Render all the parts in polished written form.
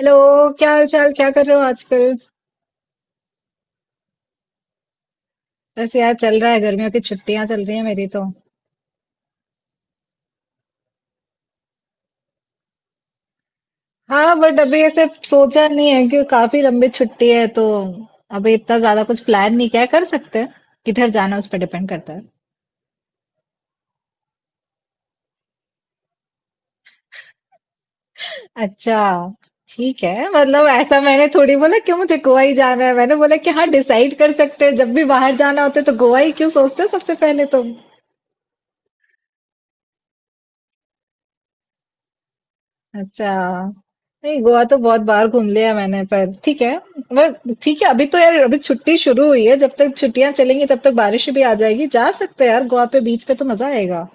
Hello. क्या हाल चाल, क्या कर रहे हो आजकल? बस यार चल रहा है, गर्मियों की छुट्टियां चल रही है मेरी तो। हाँ बट अभी ऐसे सोचा नहीं है कि काफी लंबी छुट्टी है तो अभी इतना ज्यादा कुछ प्लान नहीं किया है। कर सकते हैं, किधर जाना है, उस पर डिपेंड करता है। अच्छा। ठीक है, मतलब ऐसा मैंने थोड़ी बोला कि मुझे गोवा ही जाना है, मैंने बोला कि हाँ डिसाइड कर सकते हैं, जब भी बाहर जाना होता है तो गोवा ही क्यों सोचते हो सबसे पहले तो। अच्छा। नहीं गोवा तो बहुत बार घूम लिया मैंने, पर ठीक है। पर ठीक है, अभी तो यार अभी छुट्टी शुरू हुई है, जब तक छुट्टियां चलेंगी तब तक बारिश भी आ जाएगी। जा सकते हैं यार गोवा पे, बीच पे तो मजा आएगा।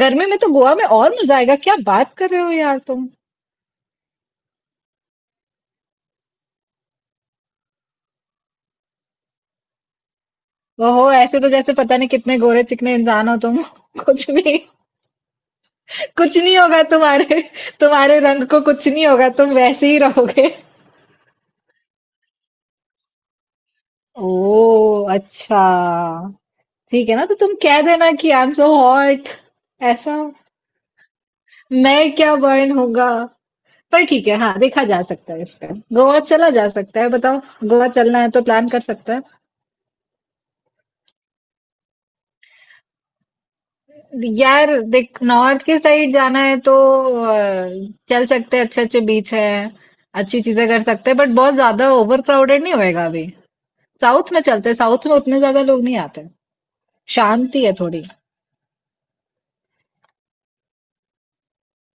गर्मी में तो गोवा में और मजा आएगा, क्या बात कर रहे हो यार तुम। ओहो, ऐसे तो जैसे पता नहीं कितने गोरे चिकने इंसान हो तुम कुछ भी। कुछ नहीं होगा तुम्हारे, तुम्हारे रंग को कुछ नहीं होगा, तुम वैसे ही रहोगे। ओ अच्छा। ठीक है ना, तो तुम कह देना कि आई एम सो हॉट। ऐसा। मैं क्या बर्न होगा। पर ठीक है, हाँ देखा जा सकता है इस पे। गोवा चला जा सकता है, बताओ। गोवा चलना है तो प्लान कर सकते हैं। यार देख, नॉर्थ के साइड जाना है तो अ, चल सकते हैं, अच्छे अच्छे बीच है, अच्छी चीजें कर सकते हैं, बट बहुत ज्यादा ओवर क्राउडेड नहीं होएगा अभी। साउथ में चलते हैं, साउथ में उतने ज्यादा लोग नहीं आते, शांति है थोड़ी।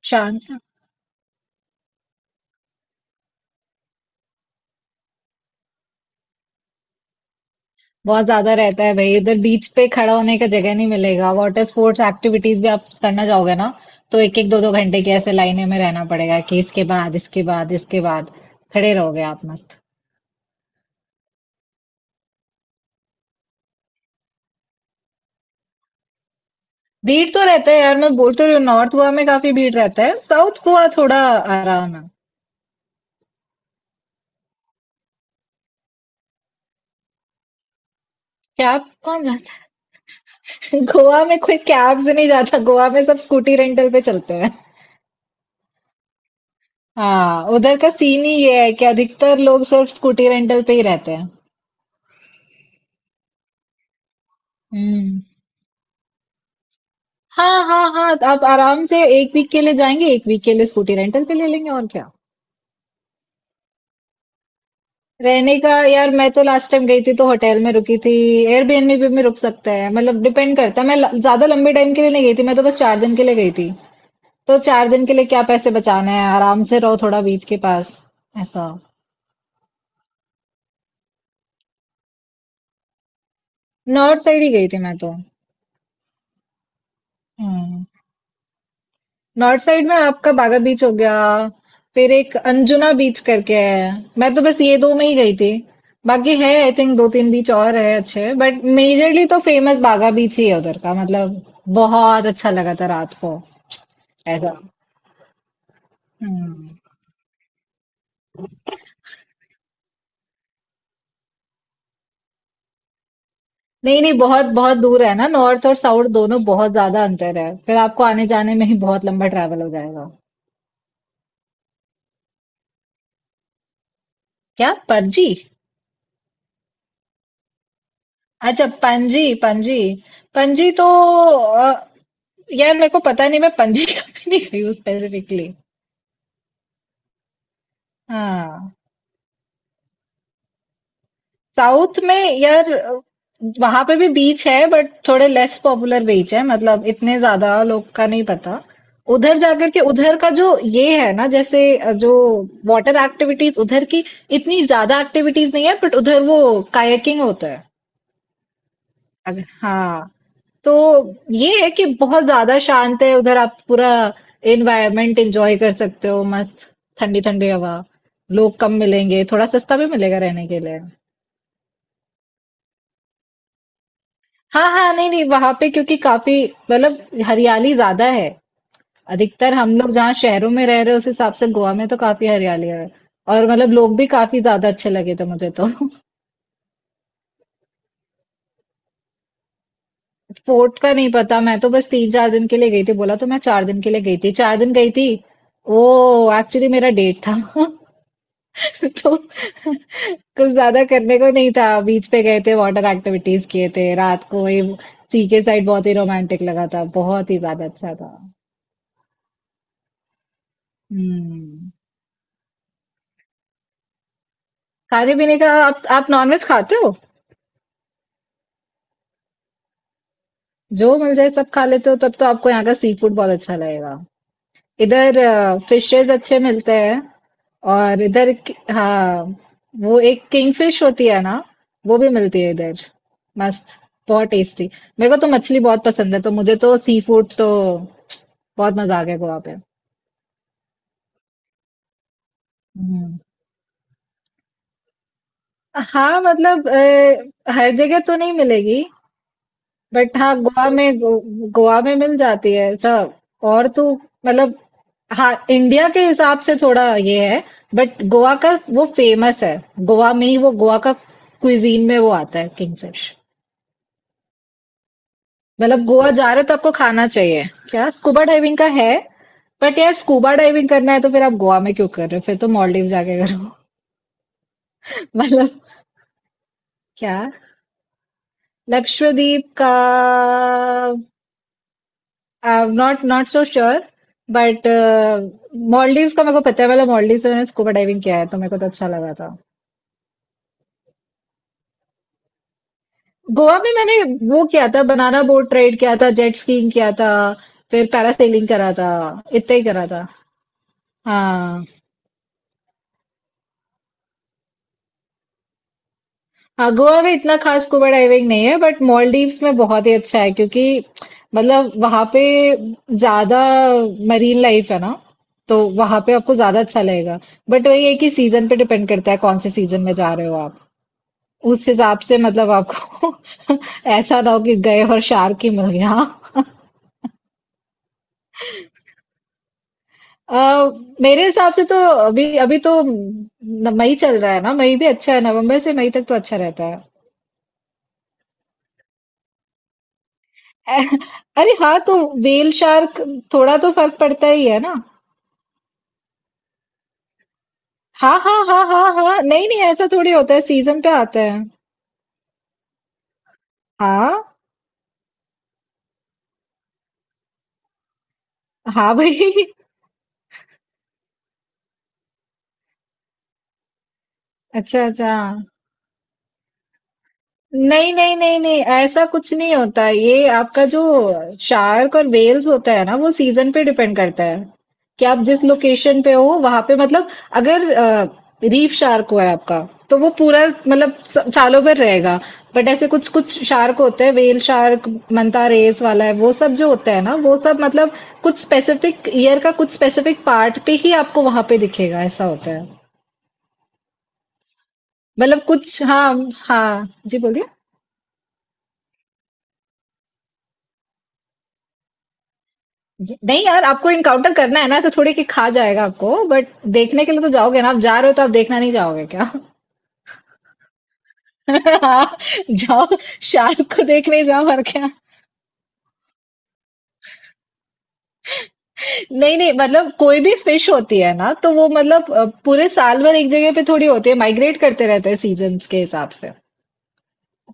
शांत। बहुत ज़्यादा रहता है भई, उधर बीच पे खड़ा होने का जगह नहीं मिलेगा। वाटर स्पोर्ट्स एक्टिविटीज़ भी आप करना जाओगे ना, तो एक-एक, दो-दो घंटे की ऐसे लाइनें में रहना पड़ेगा कि इसके बाद, इसके बाद, इसके बाद। खड़े रहोगे आप मस्त। भीड़ तो रहता है यार, मैं बोल तो रही हूँ, नॉर्थ गोवा में काफ़ी भीड़ रहता है। साउथ गोवा थोड़ा आराम है। कैब कौन जाता है? गोवा में कोई कैब से नहीं जाता, गोवा में सब स्कूटी रेंटल पे चलते हैं। हाँ, उधर का सीन ही ये है कि अधिकतर लोग सिर्फ स्कूटी रेंटल पे ही रहते हैं। हुँ। हाँ हाँ हाँ, तो आप आराम से एक वीक के लिए जाएंगे, एक वीक के लिए स्कूटी रेंटल पे ले लेंगे, और क्या। रहने का यार, मैं तो लास्ट टाइम गई थी तो होटल में रुकी थी। एयरबीएनबी पे भी रुक सकते हैं, मतलब डिपेंड करता है। ज्यादा लंबे टाइम के लिए नहीं गई थी मैं, तो बस चार दिन के लिए गई थी। तो चार दिन के लिए क्या पैसे बचाने हैं, आराम से रहो थोड़ा बीच के पास, ऐसा। नॉर्थ साइड ही गई थी मैं तो। हम्म। नॉर्थ साइड में आपका बागा बीच हो गया, फिर एक अंजुना बीच करके है। मैं तो बस ये दो में ही गई थी, बाकी है आई थिंक दो तीन बीच और है अच्छे, बट मेजरली तो फेमस बागा बीच ही है उधर का मतलब। बहुत अच्छा लगा था रात को, ऐसा। हम्म। नहीं नहीं बहुत बहुत दूर है ना, नॉर्थ और साउथ दोनों बहुत ज्यादा अंतर है, फिर आपको आने जाने में ही बहुत लंबा ट्रैवल हो जाएगा। क्या पणजी। अच्छा पणजी, पणजी। पणजी तो अ, यार मेरे को पता नहीं, मैं पणजी कभी नहीं गई हूँ स्पेसिफिकली। हाँ। साउथ में यार, वहां पे भी बीच है, बट थोड़े लेस पॉपुलर बीच है, मतलब इतने ज्यादा लोग का नहीं पता। उधर जाकर के उधर का जो ये है ना, जैसे, जो वाटर एक्टिविटीज उधर की, इतनी ज्यादा एक्टिविटीज नहीं है, बट उधर वो कायाकिंग होता है। अगर हाँ, तो ये है कि बहुत ज़्यादा शांत है उधर, आप पूरा एनवायरनमेंट एंजॉय कर सकते हो मस्त, ठंडी ठंडी हवा, लोग कम मिलेंगे, थोड़ा सस्ता भी मिलेगा रहने के लिए। हाँ हाँ, नहीं नहीं वहां पे क्योंकि काफी मतलब हरियाली ज्यादा है। अधिकतर हम लोग जहाँ शहरों में रह रहे हैं उस हिसाब से गोवा में तो काफी हरियाली है, और मतलब लोग भी काफी ज्यादा अच्छे लगे थे मुझे तो। फोर्ट का नहीं पता, मैं तो बस तीन चार दिन के लिए गई थी, बोला तो, मैं चार दिन के लिए गई थी, चार दिन गई थी। वो एक्चुअली मेरा डेट था। तो कुछ ज्यादा करने को नहीं था, बीच पे गए थे, वाटर एक्टिविटीज किए थे, रात को ये सी के साइड बहुत ही रोमांटिक लगा था, बहुत ही ज्यादा अच्छा था। हम्म। खाने पीने का, आप नॉनवेज खाते हो। जो मिल जाए सब खा लेते हो, तब तो आपको यहाँ का सी फूड बहुत अच्छा लगेगा। इधर फिशेस अच्छे मिलते हैं, और इधर हाँ वो एक किंगफिश होती है ना, वो भी मिलती है इधर, मस्त, बहुत टेस्टी। मेरे को तो मछली बहुत पसंद है, तो मुझे तो सी फूड तो बहुत मजा आ गया गोवा पे। हम्म। हाँ मतलब हर जगह तो नहीं मिलेगी। बट हाँ गोवा में गोवा में मिल जाती है सब। और तो मतलब हाँ इंडिया के हिसाब से थोड़ा ये है, बट गोवा का वो फेमस है, गोवा में ही वो, गोवा का क्विजीन में वो आता है किंगफिश। मतलब गोवा जा रहे हो तो आपको खाना चाहिए। क्या स्कूबा डाइविंग का है। बट यार स्कूबा डाइविंग करना है तो फिर आप गोवा में क्यों कर रहे हो, फिर तो मॉलडीव जाके करो। मतलब। क्या। लक्षद्वीप का I'm not not so sure, but Maldives का मेरे को पता है, वाला मॉलडीव से मैंने स्कूबा डाइविंग किया है तो मेरे को तो अच्छा लगा था। गोवा में मैंने वो किया था, बनाना बोट राइड किया था, जेट स्कीइंग किया था, फिर पैरासेलिंग करा था, इतना ही करा था। हाँ। हाँ गोवा में इतना खास स्कूबा डाइविंग नहीं है, बट मॉलडीव्स में बहुत ही अच्छा है, क्योंकि मतलब वहां पे ज्यादा मरीन लाइफ है ना, तो वहां पे आपको ज्यादा अच्छा लगेगा। बट वही है कि सीजन पे डिपेंड करता है कौन से सीजन में जा रहे हो आप, उस हिसाब से मतलब आपको ऐसा ना हो कि गए और शार्क ही मिल गया। अ, मेरे हिसाब से तो अभी, अभी तो न, मई चल रहा है ना, मई भी अच्छा है, नवंबर से मई तक तो अच्छा रहता है। अ- अरे हाँ तो व्हेल शार्क, थोड़ा तो फर्क पड़ता ही है ना। हाँ हाँ हाँ हाँ हाँ, नहीं नहीं ऐसा थोड़ी होता है, सीजन पे आता है। हाँ। हाँ भाई। अच्छा अच्छा। नहीं नहीं नहीं नहीं, ऐसा कुछ नहीं होता, ये आपका जो शार्क और वेल्स होता है ना वो सीजन पे डिपेंड करता है कि आप जिस लोकेशन पे हो वहां पे, मतलब अगर रीफ शार्क हुआ है आपका, तो वो पूरा मतलब सालों भर रहेगा। बट ऐसे कुछ कुछ शार्क होते हैं, वेल शार्क, मंता रेस वाला है वो सब, जो होता है ना वो सब मतलब कुछ स्पेसिफिक ईयर का कुछ स्पेसिफिक पार्ट पे ही आपको वहां पे दिखेगा, ऐसा होता है। मतलब कुछ, हाँ, हाँ जी बोलिए। नहीं यार, आपको इनकाउंटर करना है ना, ऐसे थोड़ी कि खा जाएगा आपको, बट देखने के लिए तो जाओगे ना, आप जा रहे हो तो आप देखना नहीं जाओगे क्या? हाँ, जाओ, शार्क को देखने जाओ और क्या। नहीं नहीं मतलब कोई भी फिश होती है ना तो वो मतलब पूरे साल भर एक जगह पे थोड़ी होती है, माइग्रेट करते रहते हैं सीजन्स के हिसाब से।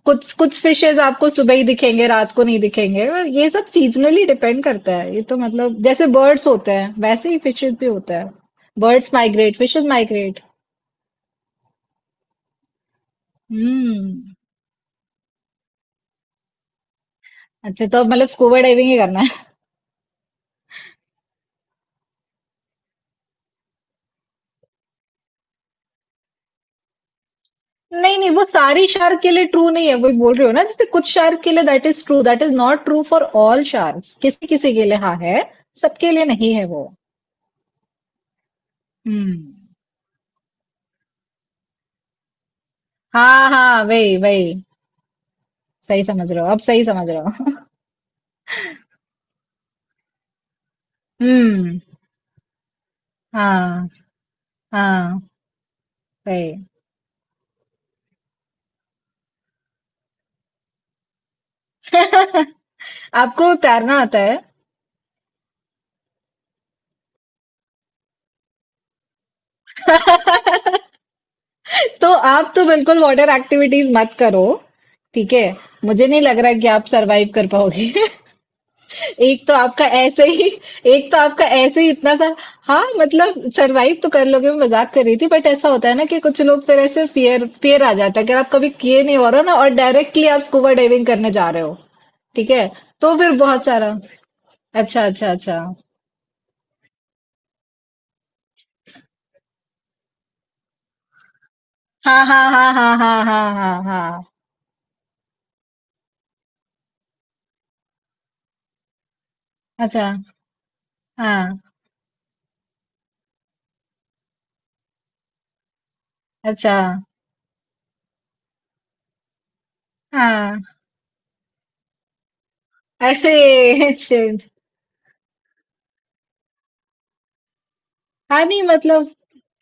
कुछ कुछ फिशेज आपको सुबह ही दिखेंगे, रात को नहीं दिखेंगे। ये सब सीजनली डिपेंड करता है ये, तो मतलब जैसे बर्ड्स होते हैं वैसे ही फिशेज भी होता है। Birds migrate, fishes migrate. हम्म। अच्छा, तो अब मतलब स्कूबा डाइविंग ही करना है। नहीं नहीं, वो सारी शार्क के लिए ट्रू नहीं है, वही बोल रहे हो ना, जैसे कुछ शार्क के लिए that is true, that is not true for all sharks, किसी किसी के लिए हाँ है, सबके लिए नहीं है वो। हम्म। हाँ हाँ वही वही, सही समझ रहे हो, अब सही समझ रहे हो हम्म, हाँ हाँ वही। आपको तैरना आता है? तो आप तो बिल्कुल वाटर एक्टिविटीज मत करो, ठीक है। मुझे नहीं लग रहा कि आप सरवाइव कर पाओगे। एक तो आपका ऐसे ही, एक तो आपका ऐसे ही इतना सा। हाँ मतलब सरवाइव तो कर लोगे, मैं मजाक कर रही थी, बट ऐसा होता है ना कि कुछ लोग फिर ऐसे फियर फियर आ जाता है, अगर आप कभी किए नहीं हो रहा ना और डायरेक्टली आप स्कूबा डाइविंग करने जा रहे हो। ठीक है, तो फिर बहुत सारा, अच्छा अच्छा अच्छा। हाँ हाँ हाँ हाँ हाँ हाँ हाँ हाँ। अच्छा। हाँ। अच्छा। हाँ। ऐसे। हाँ नहीं मतलब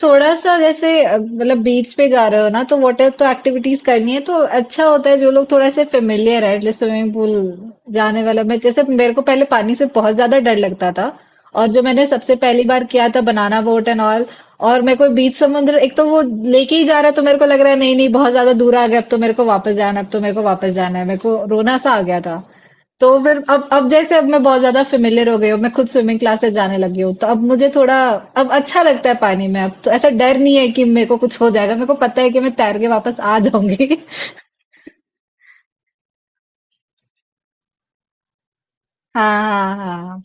थोड़ा सा, जैसे मतलब बीच पे जा रहे हो ना तो वाटर तो एक्टिविटीज करनी है, तो अच्छा होता है जो लोग थोड़ा से फेमिलियर है, एटलीस्ट स्विमिंग पूल जाने वाला। मैं जैसे, मेरे को पहले पानी से बहुत ज्यादा डर लगता था, और जो मैंने सबसे पहली बार किया था बनाना बोट एंड ऑल, और मेरे को बीच समुद्र एक तो वो लेके ही जा रहा है, तो मेरे को लग रहा है नहीं नहीं बहुत ज्यादा दूर आ गया, अब तो मेरे को वापस जाना है, अब तो मेरे को वापस जाना है, मेरे को रोना सा आ गया था। तो फिर अब जैसे अब मैं बहुत ज्यादा फेमिलियर हो गई हूँ, मैं खुद स्विमिंग क्लासेस जाने लगी हूँ, तो अब मुझे थोड़ा, अब अच्छा लगता है पानी में, अब तो ऐसा डर नहीं है कि मेरे को कुछ हो जाएगा, मेरे को पता है कि मैं तैर के वापस आ जाऊंगी। हाँ हाँ हाँ।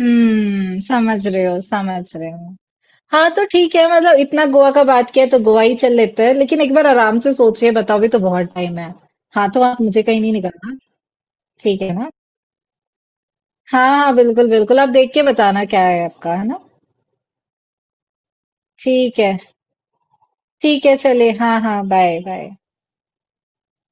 हम्म, समझ रहे हो, समझ रहे हो। हाँ तो ठीक है, मतलब इतना गोवा का बात किया है तो गोवा ही चल लेते हैं, लेकिन एक बार आराम से सोचिए, बताओ भी, तो बहुत टाइम है। हाँ तो आप मुझे कहीं नहीं निकलना। ठीक है ना। हाँ हाँ बिल्कुल बिल्कुल, आप देख के बताना क्या है आपका, है ना। ठीक है। ठीक है, चलिए, हाँ, हाँ, बाय, बाय।